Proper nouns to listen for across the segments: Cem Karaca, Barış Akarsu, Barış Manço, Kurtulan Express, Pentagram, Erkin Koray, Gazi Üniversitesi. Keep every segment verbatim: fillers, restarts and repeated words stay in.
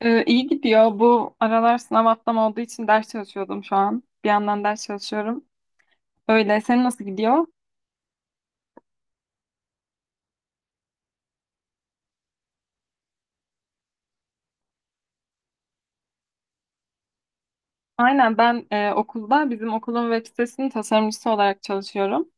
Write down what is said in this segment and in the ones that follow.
Ee, iyi gidiyor. Bu aralar sınav haftam olduğu için ders çalışıyordum şu an. Bir yandan ders çalışıyorum. Öyle. Senin nasıl gidiyor? Aynen ben e, okulda bizim okulun web sitesinin tasarımcısı olarak çalışıyorum.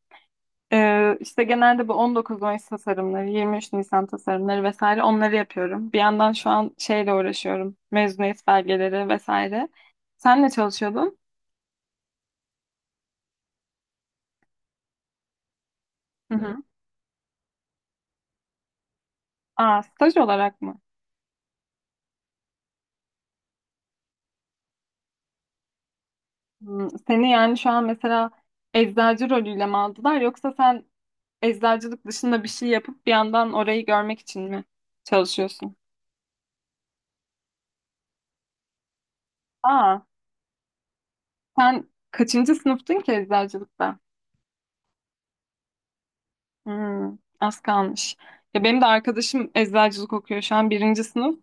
Ee, işte genelde bu on dokuz Mayıs tasarımları, yirmi üç Nisan tasarımları vesaire onları yapıyorum. Bir yandan şu an şeyle uğraşıyorum. Mezuniyet belgeleri vesaire. Sen ne çalışıyordun? Hı hı. Aa, staj olarak mı? Hmm, seni yani şu an mesela eczacı rolüyle mi aldılar yoksa sen eczacılık dışında bir şey yapıp bir yandan orayı görmek için mi çalışıyorsun? Aa, sen kaçıncı sınıftın ki eczacılıkta? Hmm, az kalmış. Ya benim de arkadaşım eczacılık okuyor şu an birinci sınıf.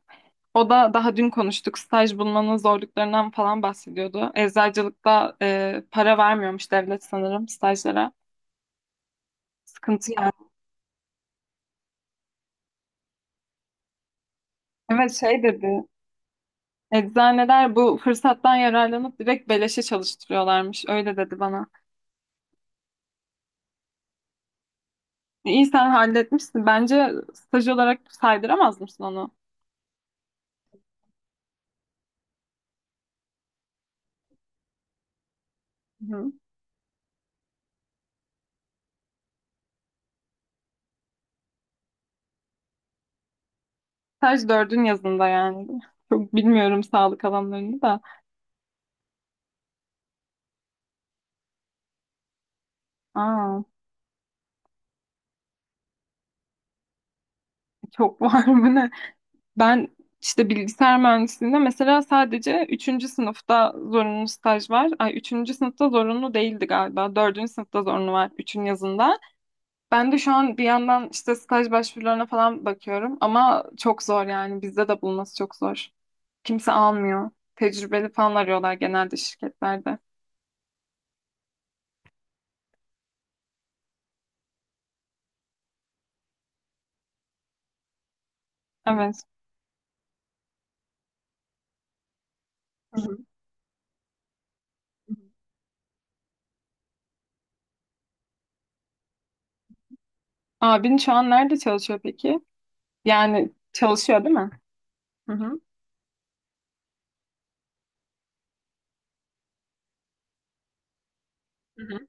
O da daha dün konuştuk staj bulmanın zorluklarından falan bahsediyordu. Eczacılıkta e, para vermiyormuş devlet sanırım stajlara. Sıkıntı yani. Evet şey dedi. Eczaneler bu fırsattan yararlanıp direkt beleşe çalıştırıyorlarmış. Öyle dedi bana. İyi sen halletmişsin. Bence staj olarak saydıramaz mısın onu? Hı. Staj dördün yazında yani. Çok bilmiyorum sağlık alanlarını da. Aa, çok var mı ne? Ben işte bilgisayar mühendisliğinde mesela sadece üçüncü sınıfta zorunlu staj var. Ay üçüncü sınıfta zorunlu değildi galiba. Dördüncü sınıfta zorunlu var üçün yazında. Ben de şu an bir yandan işte staj başvurularına falan bakıyorum ama çok zor yani bizde de bulması çok zor. Kimse almıyor. Tecrübeli falan arıyorlar genelde şirketlerde. Evet. Hı hı. Abin şu an nerede çalışıyor peki? Yani çalışıyor değil mi? Hı hı. Hı hı.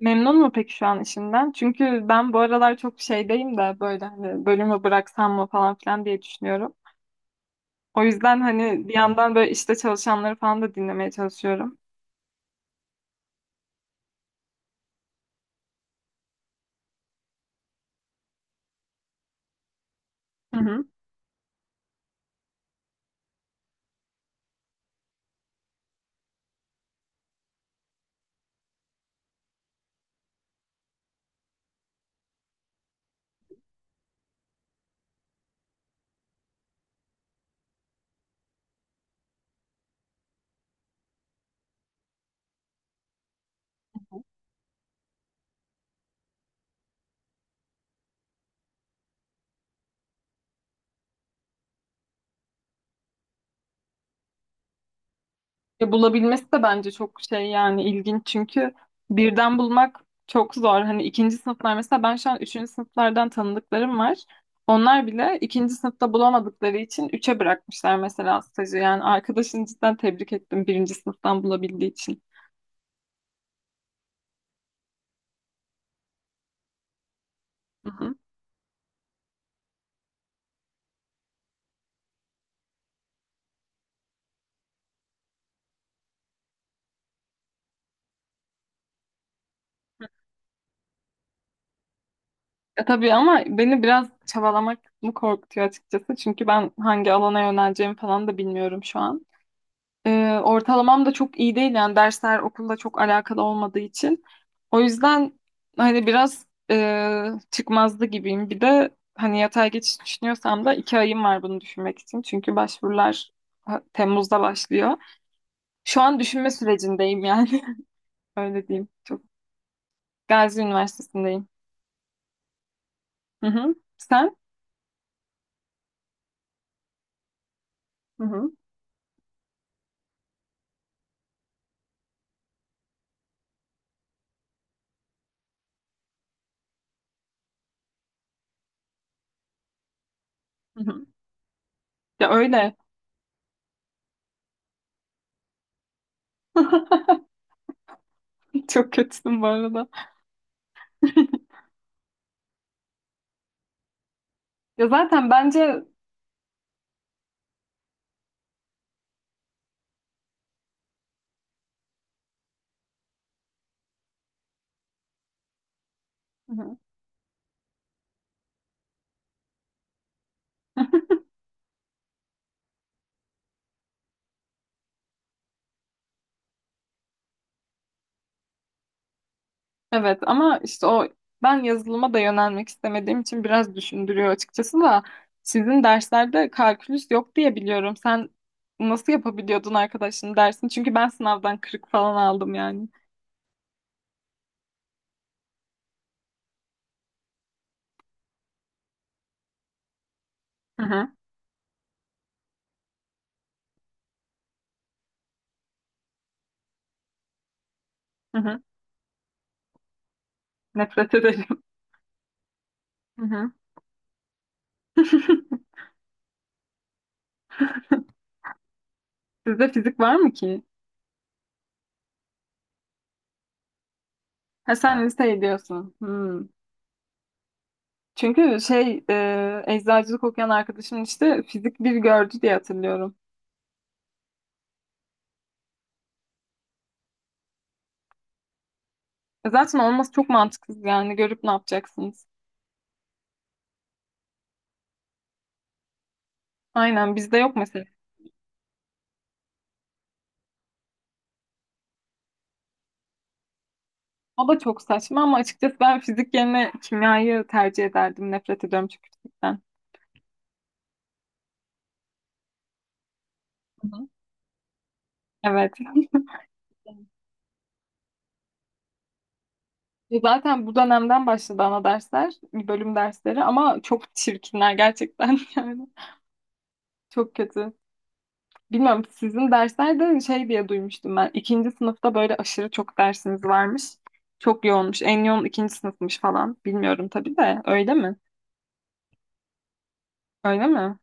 Memnun mu peki şu an işinden? Çünkü ben bu aralar çok şeydeyim de böyle hani bölümü bıraksam mı falan filan diye düşünüyorum. O yüzden hani bir yandan böyle işte çalışanları falan da dinlemeye çalışıyorum. Ya bulabilmesi de bence çok şey yani ilginç çünkü birden bulmak çok zor. Hani ikinci sınıflar mesela ben şu an üçüncü sınıflardan tanıdıklarım var. Onlar bile ikinci sınıfta bulamadıkları için üçe bırakmışlar mesela stajı. Yani arkadaşını cidden tebrik ettim birinci sınıftan bulabildiği için. Hı hı. E tabii ama beni biraz çabalamak mı korkutuyor açıkçası. Çünkü ben hangi alana yöneleceğimi falan da bilmiyorum şu an. Ee, ortalamam da çok iyi değil yani dersler okulla çok alakalı olmadığı için. O yüzden hani biraz e, çıkmazdı gibiyim. Bir de hani yatay geçiş düşünüyorsam da iki ayım var bunu düşünmek için. Çünkü başvurular ha- Temmuz'da başlıyor. Şu an düşünme sürecindeyim yani. Öyle diyeyim. Çok Gazi Üniversitesi'ndeyim. Hı hı. Sen? Hı hı. Hı hı. Ya öyle. Çok kötüsün bu arada. Ya zaten bence. Hı hı. Evet ama işte o ben yazılıma da yönelmek istemediğim için biraz düşündürüyor açıkçası da sizin derslerde kalkülüs yok diye biliyorum. Sen nasıl yapabiliyordun arkadaşın dersini? Çünkü ben sınavdan kırık falan aldım yani. Hı hı, hı hı. Nefret ederim. Hı hı. Sizde fizik var mı ki? Ha sen liseyi diyorsun. Hmm. Çünkü şey e, eczacılık okuyan arkadaşım işte fizik bir gördü diye hatırlıyorum. E zaten olması çok mantıksız yani görüp ne yapacaksınız? Aynen bizde yok mesela. O da çok saçma ama açıkçası ben fizik yerine kimyayı tercih ederdim. Nefret ediyorum çünkü fizikten. Hı hı. Evet. Zaten bu dönemden başladı ana dersler, bölüm dersleri ama çok çirkinler gerçekten yani. Çok kötü. Bilmiyorum sizin dersler de şey diye duymuştum ben. İkinci sınıfta böyle aşırı çok dersiniz varmış. Çok yoğunmuş. En yoğun ikinci sınıfmış falan. Bilmiyorum tabii de. Öyle mi? Öyle mi?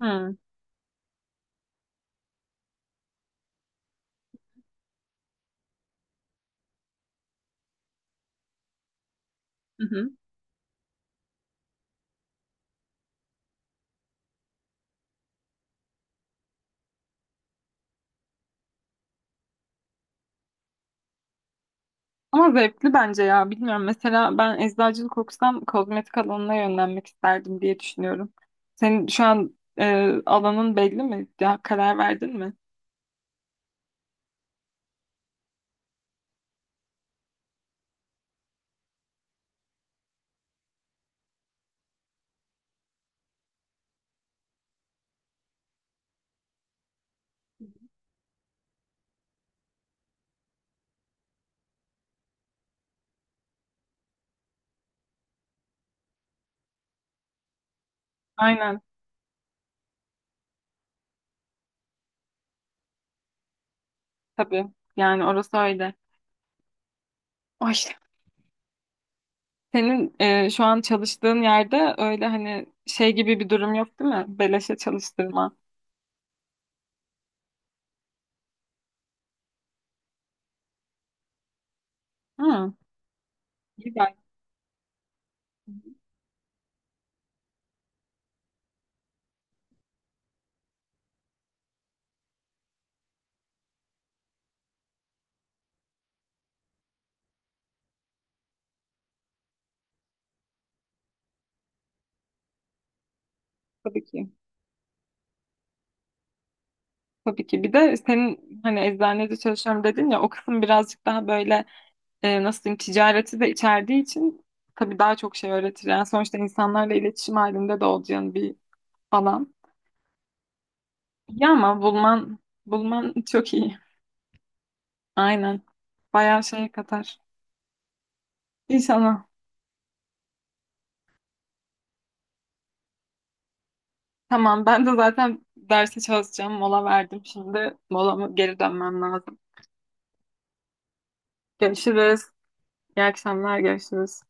Hı. Hı hı. Ama zevkli bence ya. Bilmiyorum. Mesela ben eczacılık okusam kozmetik alanına yönlenmek isterdim diye düşünüyorum. Senin şu an e, alanın belli mi? Ya, karar verdin mi? Aynen. Tabii. Yani orası öyle. Ay, senin e, şu an çalıştığın yerde öyle hani şey gibi bir durum yok değil mi? Beleşe çalıştırma. Hı. Güzel. Tabii ki. Tabii ki. Bir de senin hani eczanede çalışıyorum dedin ya o kısım birazcık daha böyle e, nasıl diyeyim ticareti de içerdiği için tabii daha çok şey öğretir. Yani sonuçta insanlarla iletişim halinde de olacağın bir alan. Ya ama bulman bulman çok iyi. Aynen. Bayağı şey katar. İnşallah. Tamam ben de zaten derse çalışacağım. Mola verdim şimdi. Molama geri dönmem lazım. Görüşürüz. İyi akşamlar. Görüşürüz.